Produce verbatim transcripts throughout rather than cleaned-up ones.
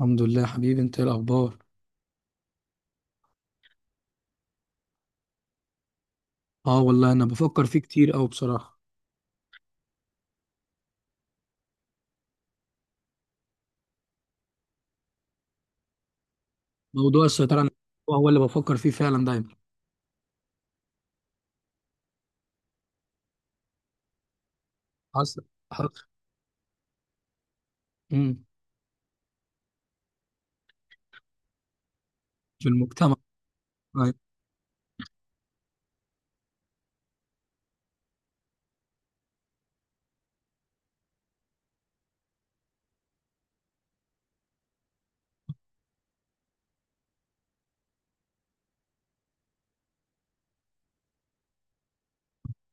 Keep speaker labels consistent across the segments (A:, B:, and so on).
A: الحمد لله يا حبيبي، انت ايه الاخبار؟ اه والله، انا بفكر فيه كتير قوي بصراحه. موضوع السيطره على النفس هو اللي بفكر فيه فعلا دايما. حصل. حصل. امم في المجتمع. طيب،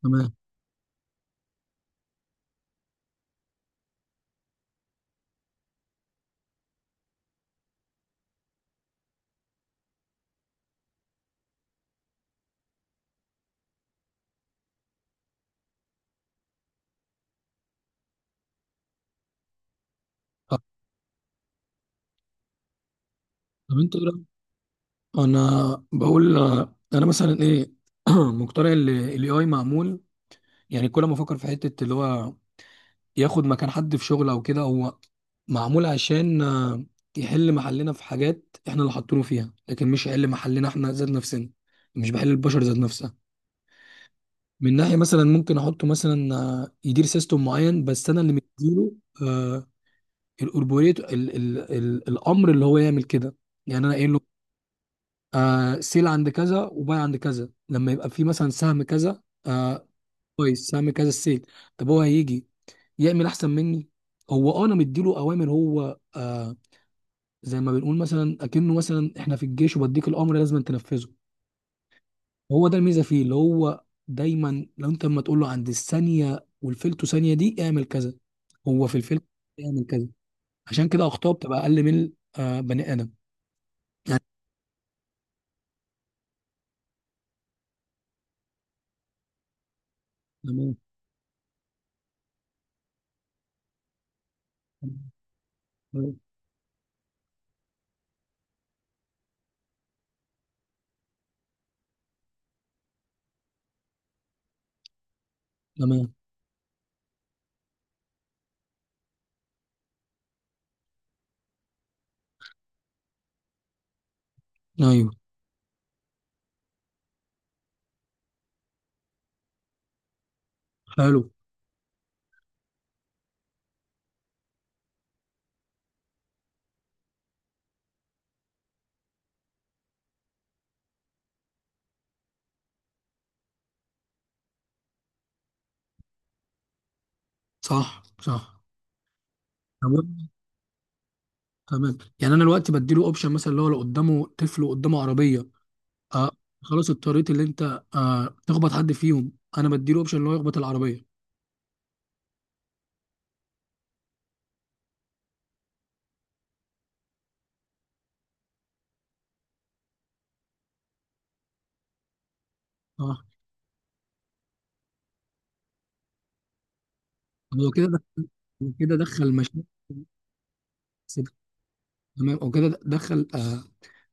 A: تمام. طب. طب، انت ايه رأيك؟ انا بقول، آه، انا مثلا ايه. مقتنع ان الاي اي معمول. يعني كل ما افكر في حته اللي هو ياخد مكان حد في شغل او كده، هو معمول عشان آه، يحل محلنا في حاجات احنا اللي حاطينه فيها، لكن مش هيحل محلنا احنا ذات نفسنا. مش بحل البشر ذات نفسها. من ناحيه مثلا ممكن احطه مثلا آه، يدير سيستم معين، بس انا اللي مديله آه، الأوربوريت، ال ال ال الامر اللي هو يعمل كده. يعني انا قايل له آه سيل عند كذا وباي عند كذا، لما يبقى في مثلا سهم كذا آه كويس. سهم كذا السيل. طب هو هيجي يعمل احسن مني؟ هو آه انا مديله اوامر. هو آه زي ما بنقول، مثلا اكنه مثلا احنا في الجيش، وبديك الامر لازم تنفذه. هو ده الميزه فيه، اللي هو دايما لو انت لما تقول له عند الثانيه والفلتو ثانيه دي اعمل كذا، هو في الفلتو اعمل كذا. عشان كده اخطاء بتبقى اقل من آه بني ادم. يعني تمام. تمام، ايوه. حلو. صح. صح. تمام. تمام، يعني انا دلوقتي بديله اوبشن، مثلا اللي هو لو قدامه طفل وقدامه عربيه، آه خلاص اضطريت، اللي انت آه تخبط حد فيهم. انا بديله اوبشن اللي هو يخبط العربيه. صح. هو كده دخل- كده دخل مشاكل. تمام، او كده دخل آه،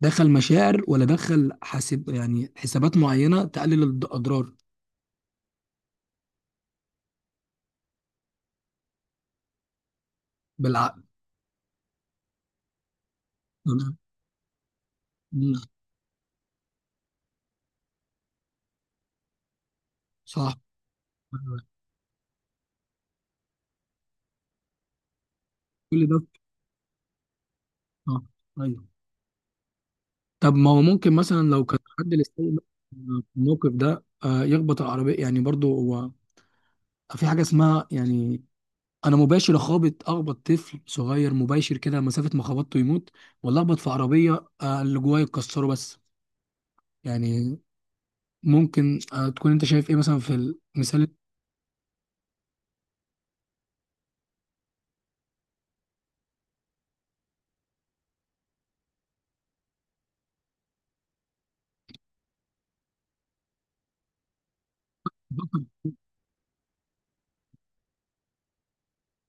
A: دخل مشاعر، ولا دخل حاسب، يعني حسابات معينه تقلل الاضرار. بالعقل. تمام. مم. صح. كل ده. اه. ايوه. طب ما هو ممكن مثلا، لو كان حد للسيء في الموقف ده آه، يخبط العربيه. يعني برضو هو في حاجه اسمها، يعني انا مباشر اخابط اخبط طفل صغير مباشر، كده مسافه ما خبطته يموت، ولا اخبط في عربيه آه، اللي جوايا يكسره بس. يعني ممكن آه، تكون انت شايف ايه مثلا في المثال.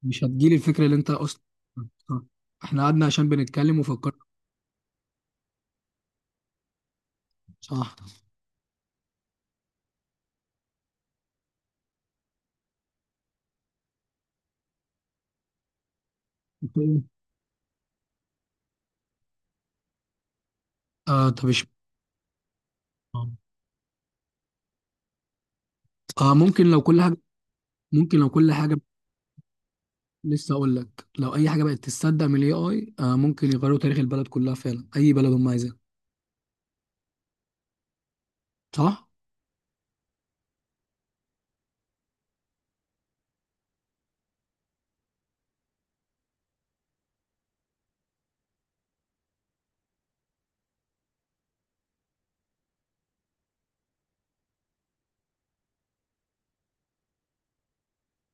A: مش هتجيلي الفكرة اللي انت اصلا آه. احنا قعدنا عشان بنتكلم وفكرنا. صح. آه، طب إش- اه، ممكن لو كل حاجة. ممكن لو كل حاجة، لسه اقول لك، لو اي حاجة بقت تصدق من الاي اي، آه ممكن يغيروا تاريخ البلد كلها، فعلا اي بلد هم عايزينها. صح؟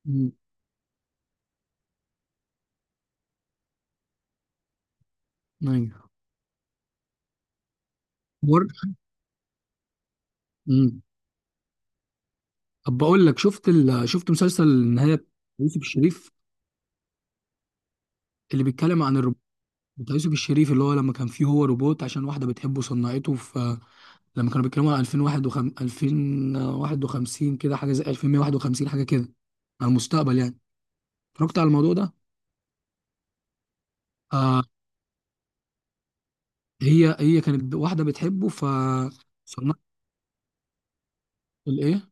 A: امم. ايوه. ور- امم طب بقول لك، شفت ال... شفت مسلسل النهاية بتاع يوسف الشريف، اللي بيتكلم عن الروبوت، بتاع يوسف الشريف، اللي هو لما كان فيه هو روبوت عشان واحدة بتحبه، صنعته في لما كانوا بيتكلموا عن ألفين وواحد وخمسين، ألفين وواحد وخمسين، كده حاجه زي ألف ومية وواحد وخمسين حاجه كده، على المستقبل يعني. اتفرجت على الموضوع ده؟ آه. هي هي كانت واحده بتحبه، ف صنعت. الايه؟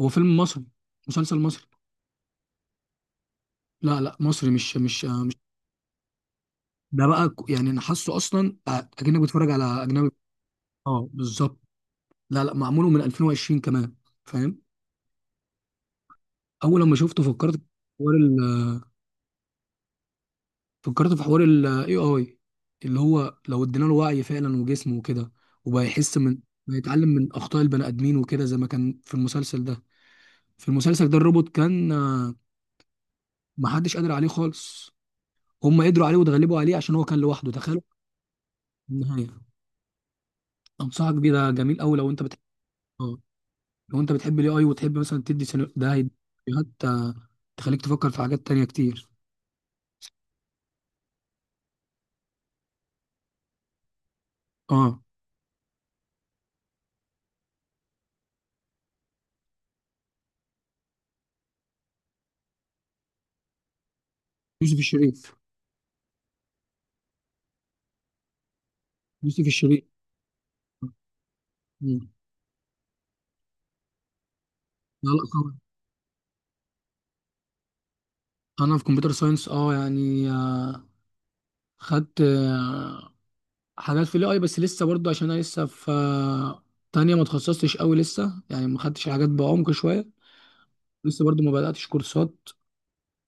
A: هو فيلم مصري؟ مسلسل مصري. لا، لا، مصري، مش مش آه مش ده بقى. ك- يعني انا حاسه اصلا، آه، اكنك بتتفرج على اجنبي. اه، بالظبط. لا، لا، معموله من ألفين وعشرين كمان، فاهم؟ اول لما شفته فكرت فكرت في حوار ال إيه آي، اللي هو لو ادينا له وعي فعلا وجسم وكده، وبقى يحس من، بيتعلم من اخطاء البني ادمين وكده، زي ما كان في المسلسل ده. في المسلسل ده الروبوت كان آه، محدش قادر عليه خالص. هم قدروا عليه واتغلبوا عليه عشان هو كان لوحده، تخيل. النهايه. انصحك بيه، ده جميل قوي لو انت بتحب، آه، لو انت بتحب الاي اي، وتحب مثلا تدي سيناريو- ده هيديك سيناريوهات آه، تخليك تفكر في حاجات تانية كتير. اه. يوسف الشريف. يوسف الشريف. مم. لا، لا طبعا. انا في كمبيوتر ساينس، اه يعني، آه، خدت آه، حاجات في الاي، بس لسه برضه عشان انا لسه في آه، تانية، ما اتخصصتش قوي لسه، يعني ما خدتش الحاجات بعمق شويه. لسه برضه ما بداتش كورسات،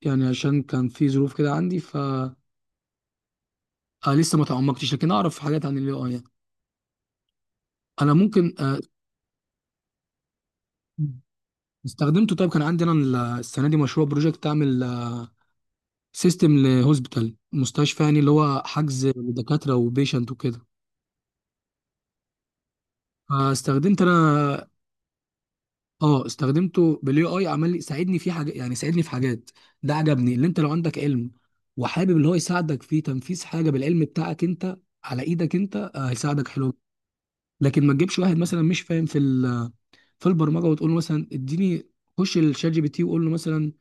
A: يعني عشان كان في ظروف كده عندي، ف آه، لسه ما تعمقتش، لكن اعرف حاجات عن الاي اي يعني. انا ممكن آه، استخدمته. طيب كان عندي انا ال- السنه دي مشروع بروجكت، اعمل سيستم لهوسبيتال، مستشفى يعني، اللي هو حجز لدكاتره وبيشنت وكده. فاستخدمت انا، اه استخدمته بالاي اي، عمل لي، ساعدني في حاجه، يعني ساعدني في حاجات. ده عجبني، اللي انت لو عندك علم وحابب اللي هو يساعدك في تنفيذ حاجه بالعلم بتاعك انت، على ايدك انت، آه، هيساعدك، حلو. لكن ما تجيبش واحد مثلا مش فاهم في ال- في البرمجه، وتقول له مثلا اديني، خش الشات جي بي تي وقول له مثلا،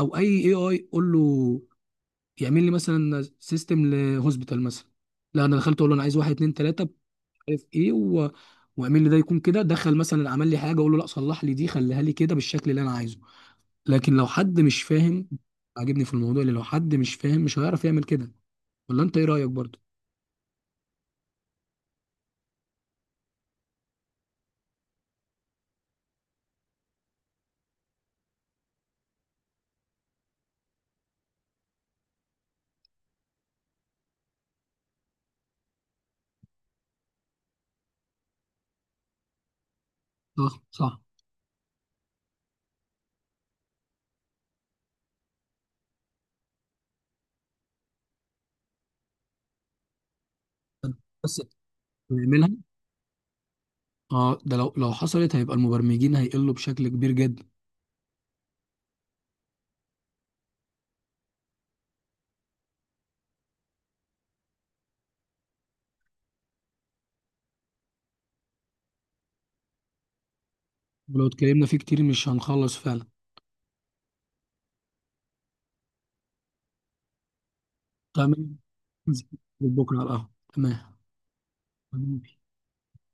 A: او اي اي اي قول له يعمل لي مثلا سيستم لهوسبيتال مثلا. لا، انا دخلت اقول له انا عايز واحد اتنين تلاته، مش عارف ايه و... واعمل لي ده يكون كده. دخل مثلا، عمل لي حاجه، اقول له لا صلح لي دي، خليها لي كده بالشكل اللي انا عايزه. لكن لو حد مش فاهم، عاجبني في الموضوع اللي لو حد مش فاهم مش هيعرف يعمل كده. ولا انت ايه رأيك برضو؟ صح. صح. بس نعملها. اه، ده لو لو حصلت هيبقى المبرمجين هيقلوا بشكل كبير جدا. ولو اتكلمنا فيه كتير مش هنخلص فعلا. تمام. بكره على القهوة. تمام.